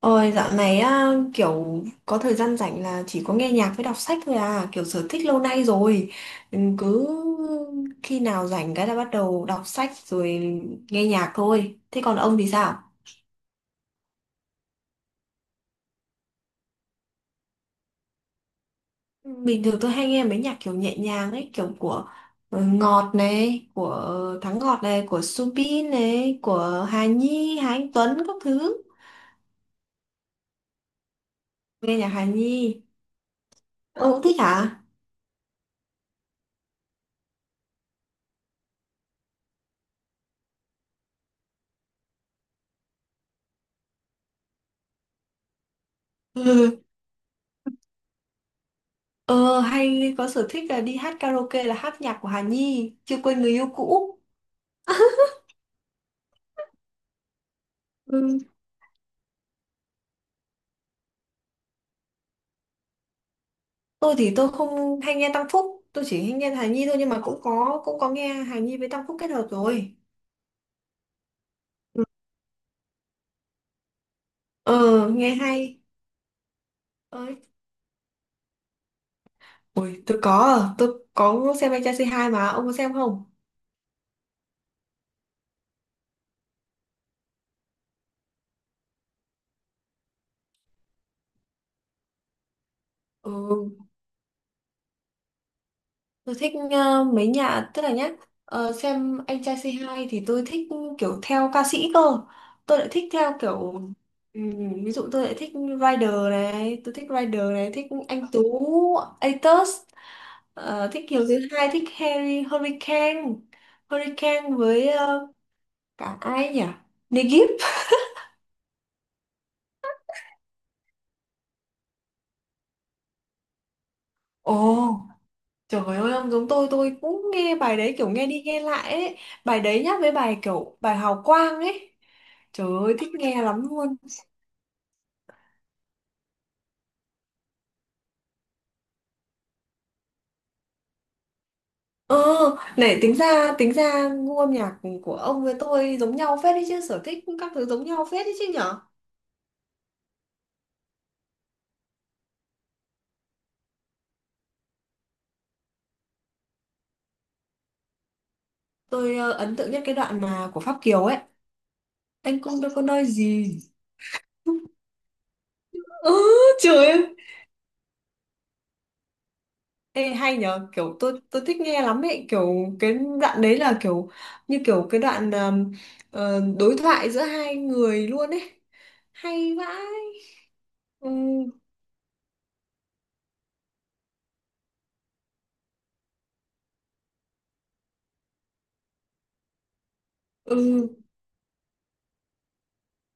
Ôi dạo này á, kiểu có thời gian rảnh là chỉ có nghe nhạc với đọc sách thôi, à kiểu sở thích lâu nay rồi. Ừ, cứ khi nào rảnh cái là bắt đầu đọc sách rồi, nghe nhạc thôi. Thế còn ông thì sao? Ừ, bình thường tôi hay nghe mấy nhạc kiểu nhẹ nhàng ấy, kiểu của Ngọt này, của Thắng Ngọt này, của Subin này, của Hà Nhi, Hà Anh Tuấn các thứ. Nghe nhạc Hà Nhi. Ông cũng thích hả? Ờ, hay có sở thích là đi hát karaoke là hát nhạc của Hà Nhi, chưa quên người yêu cũ. Ừ, tôi thì tôi không hay nghe Tăng Phúc, tôi chỉ hay nghe Hà Nhi thôi, nhưng mà cũng có nghe Hà Nhi với Tăng Phúc kết hợp rồi. Ừ. Ờ, nghe hay. Ơi. Ôi, tôi có, à, tôi có xem anh trai C2 mà, ông có xem không? Ừ. Tôi thích ờ, mấy nhà tức là nhá, xem anh trai C2 thì tôi thích kiểu theo ca sĩ cơ. Tôi lại thích theo kiểu, ví dụ tôi lại thích Rider này, thích anh Tú Atos, ờ, thích Kiều Thứ Hai, thích Harry Hurricane. Hurricane với cả ai nhỉ? Negip. Ồ, trời ơi, ông giống tôi cũng nghe bài đấy kiểu nghe đi nghe lại ấy. Bài đấy nhá, với bài kiểu bài Hào Quang ấy. Trời ơi, thích nghe lắm luôn. Ờ, này tính ra gu âm nhạc của ông với tôi giống nhau phết đấy chứ, sở thích các thứ giống nhau phết đấy chứ nhở. Tôi ấn tượng nhất cái đoạn mà của Pháp Kiều ấy, anh cũng đâu có nói gì. Ừ, trời ơi. Ê, hay nhở, kiểu tôi thích nghe lắm ấy, kiểu cái đoạn đấy là kiểu như kiểu cái đoạn đối thoại giữa hai người luôn ấy, hay vãi. Ừ, ừ.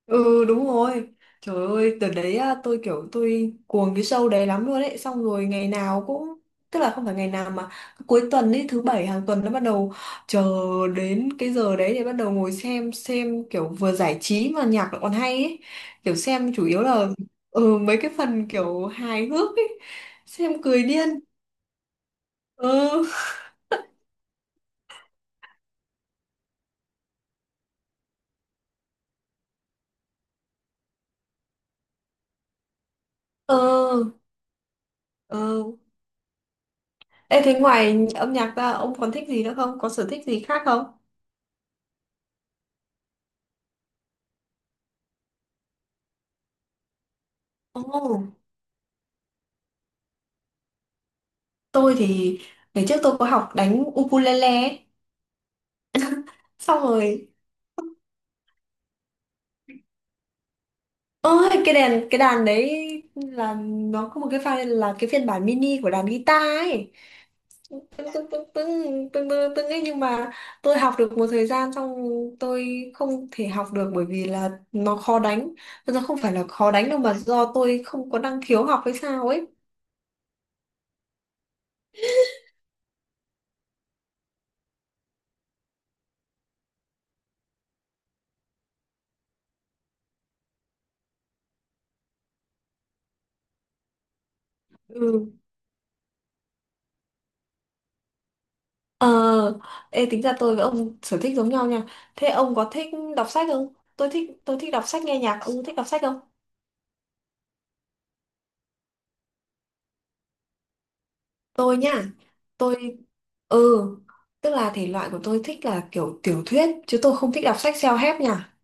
Ừ đúng rồi. Trời ơi từ đấy á, tôi kiểu tôi cuồng cái show đấy lắm luôn đấy. Xong rồi ngày nào cũng, tức là không phải ngày nào, mà cuối tuần ấy, thứ bảy hàng tuần nó bắt đầu. Chờ đến cái giờ đấy để bắt đầu ngồi xem. Xem kiểu vừa giải trí mà nhạc lại còn hay ấy. Kiểu xem chủ yếu là ừ, mấy cái phần kiểu hài hước ấy. Xem cười điên. Ừ. Ừ. Ừ. Ê thế ngoài âm nhạc ra ông còn thích gì nữa không? Có sở thích gì khác không? Ồ, tôi thì ngày trước tôi có học đánh ukulele ấy. Xong rồi ôi cái đàn, cái đàn đấy là nó có một cái file là cái phiên bản mini của đàn guitar ấy, tưng tưng tưng tưng tưng tưng tưng ấy, nhưng mà tôi học được một thời gian xong tôi không thể học được, bởi vì là nó khó đánh. Nó không phải là khó đánh đâu mà do tôi không có năng khiếu học hay sao ấy. Ừ. Ờ, ê, tính ra tôi với ông sở thích giống nhau nha. Thế ông có thích đọc sách không? Tôi thích, tôi thích đọc sách nghe nhạc, ông thích đọc sách không? Tôi nhá. Tôi ừ, tức là thể loại của tôi thích là kiểu tiểu thuyết, chứ tôi không thích đọc sách self-help nha.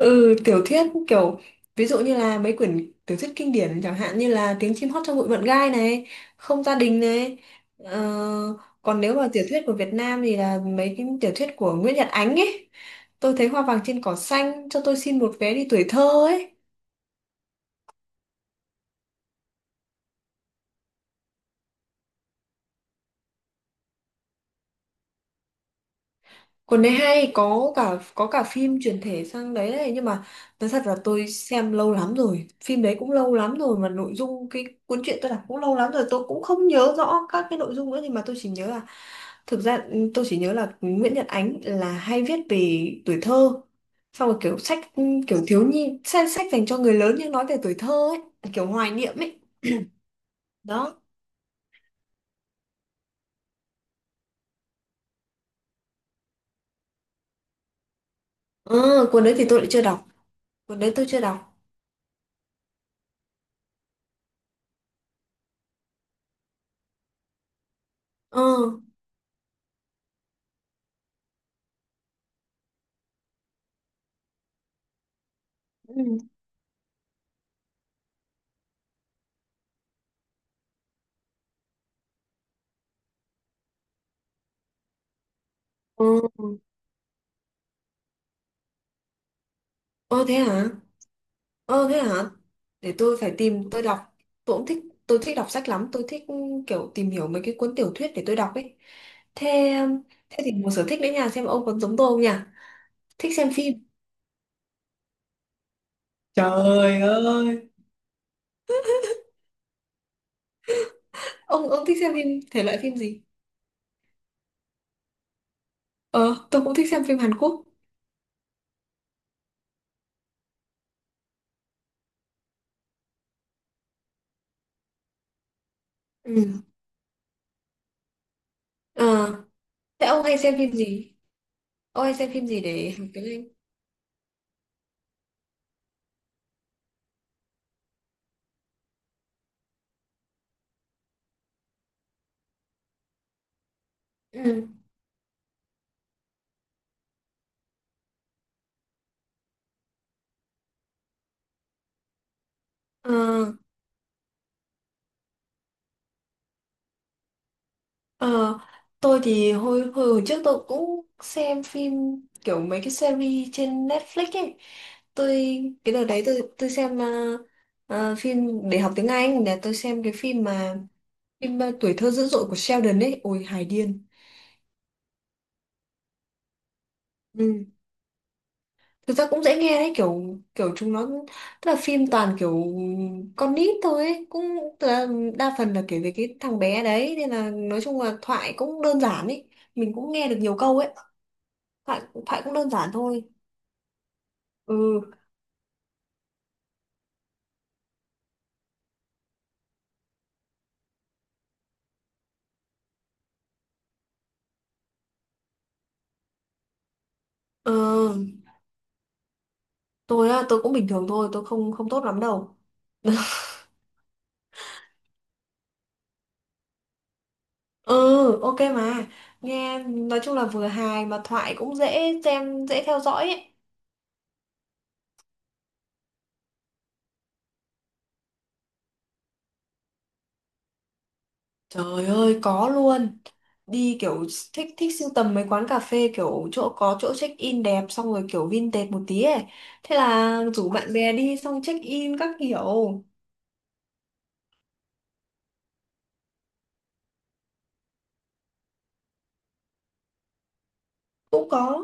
Ừ, tiểu thuyết kiểu ví dụ như là mấy quyển tiểu thuyết kinh điển chẳng hạn như là Tiếng chim hót trong bụi mận gai này, Không gia đình này. Ờ, còn nếu mà tiểu thuyết của Việt Nam thì là mấy cái tiểu thuyết của Nguyễn Nhật Ánh ấy. Tôi thấy Hoa vàng trên cỏ xanh, cho tôi xin một vé đi tuổi thơ ấy. Còn đấy hay, có cả phim chuyển thể sang đấy này, nhưng mà nói thật là tôi xem lâu lắm rồi. Phim đấy cũng lâu lắm rồi, mà nội dung cái cuốn truyện tôi đọc cũng lâu lắm rồi, tôi cũng không nhớ rõ các cái nội dung nữa, nhưng mà tôi chỉ nhớ là thực ra ừ, tôi chỉ nhớ là Nguyễn Nhật Ánh là hay viết về tuổi thơ. Xong rồi kiểu sách ừ, kiểu thiếu nhi, sách, sách dành cho người lớn nhưng nói về tuổi thơ ấy, kiểu hoài niệm ấy. Đó. Ừ, cuốn đấy thì tôi lại chưa đọc. Cuốn đấy tôi chưa đọc. Ờ. Ừ. Ừ. Ơ thế hả? Ờ thế hả? Để tôi phải tìm tôi đọc. Tôi cũng thích, tôi thích đọc sách lắm, tôi thích ừ, kiểu tìm hiểu mấy cái cuốn tiểu thuyết để tôi đọc ấy. Thế thế thì một sở thích đấy nha, xem ông còn giống tôi không nhỉ? Thích xem phim. Trời ơi. Ông thích xem phim thể loại phim gì? Ờ, tôi cũng thích xem phim Hàn Quốc. Ừ. Ờ, thế ông hay xem phim gì? Ông hay xem phim gì để học tiếng Anh? Ừ. Ờ, ờ, tôi thì hồi, hồi hồi trước tôi cũng xem phim kiểu mấy cái series trên Netflix ấy. Tôi cái đợt đấy tôi xem phim để học tiếng Anh là tôi xem cái phim mà phim Tuổi thơ dữ dội của Sheldon ấy. Ôi hài điên. Ừ. Thực ra cũng dễ nghe đấy, kiểu kiểu chúng nó tức là phim toàn kiểu con nít thôi ấy, cũng tức là đa phần là kể về cái thằng bé đấy nên là nói chung là thoại cũng đơn giản ấy, mình cũng nghe được nhiều câu ấy. Thoại thoại cũng đơn giản thôi. Ừ. Ờ, tôi á tôi cũng bình thường thôi, tôi không không tốt lắm đâu. Ừ ok mà, nghe nói chung là vừa hài mà thoại cũng dễ xem dễ theo dõi ấy. Trời ơi có luôn. Đi kiểu thích, thích sưu tầm mấy quán cà phê kiểu chỗ có chỗ check in đẹp, xong rồi kiểu vintage một tí ấy. Thế là rủ bạn bè đi xong check in các kiểu. Cũng có,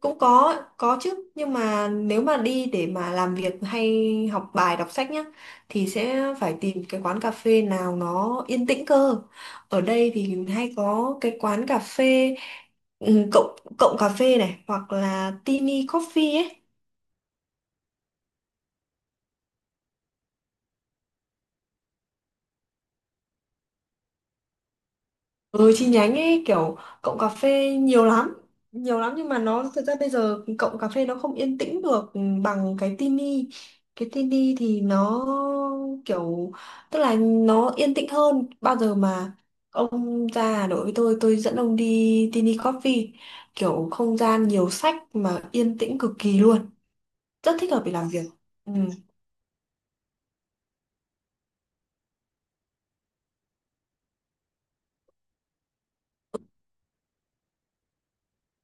cũng có chứ, nhưng mà nếu mà đi để mà làm việc hay học bài đọc sách nhá, thì sẽ phải tìm cái quán cà phê nào nó yên tĩnh cơ. Ở đây thì hay có cái quán cà phê ừ, cộng cộng cà phê này hoặc là Tini Coffee ấy. Ừ, chi nhánh ấy, kiểu cộng cà phê nhiều lắm, nhiều lắm, nhưng mà nó thực ra bây giờ cộng cà phê nó không yên tĩnh được bằng cái Tini. Cái Tini thì nó kiểu, tức là nó yên tĩnh hơn bao giờ mà, ông ra Hà Nội với tôi dẫn ông đi Tini Coffee, kiểu không gian nhiều sách mà yên tĩnh cực kỳ luôn, rất thích hợp để làm việc. Ừ,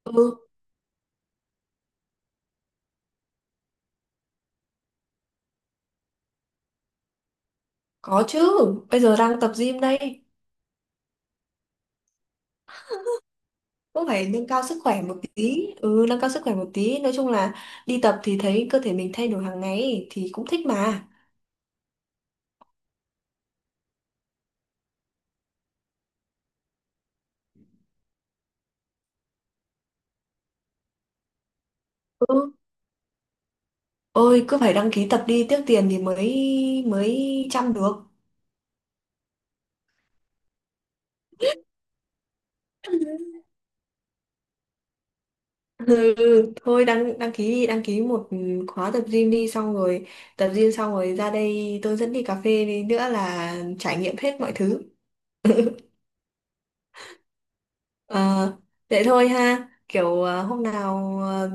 ừ. Có chứ, bây giờ đang tập gym đây. Cũng phải nâng cao sức khỏe một tí, ừ nâng cao sức khỏe một tí, nói chung là đi tập thì thấy cơ thể mình thay đổi hàng ngày ấy, thì cũng thích mà. Ừ ôi, cứ phải đăng ký tập đi, tiếc tiền thì mới mới chăm được. Ừ, thôi đăng đăng ký đi, đăng ký một khóa tập gym đi, xong rồi tập gym xong rồi ra đây tôi dẫn đi cà phê đi nữa là trải nghiệm hết mọi thứ. Ờ, vậy thôi ha, kiểu hôm nào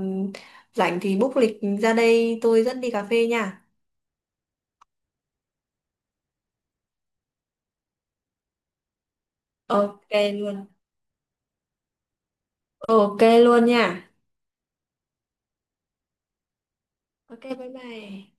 rảnh thì book lịch ra đây tôi dẫn đi cà phê nha. Ok luôn. Ok luôn nha. Ok bye bye.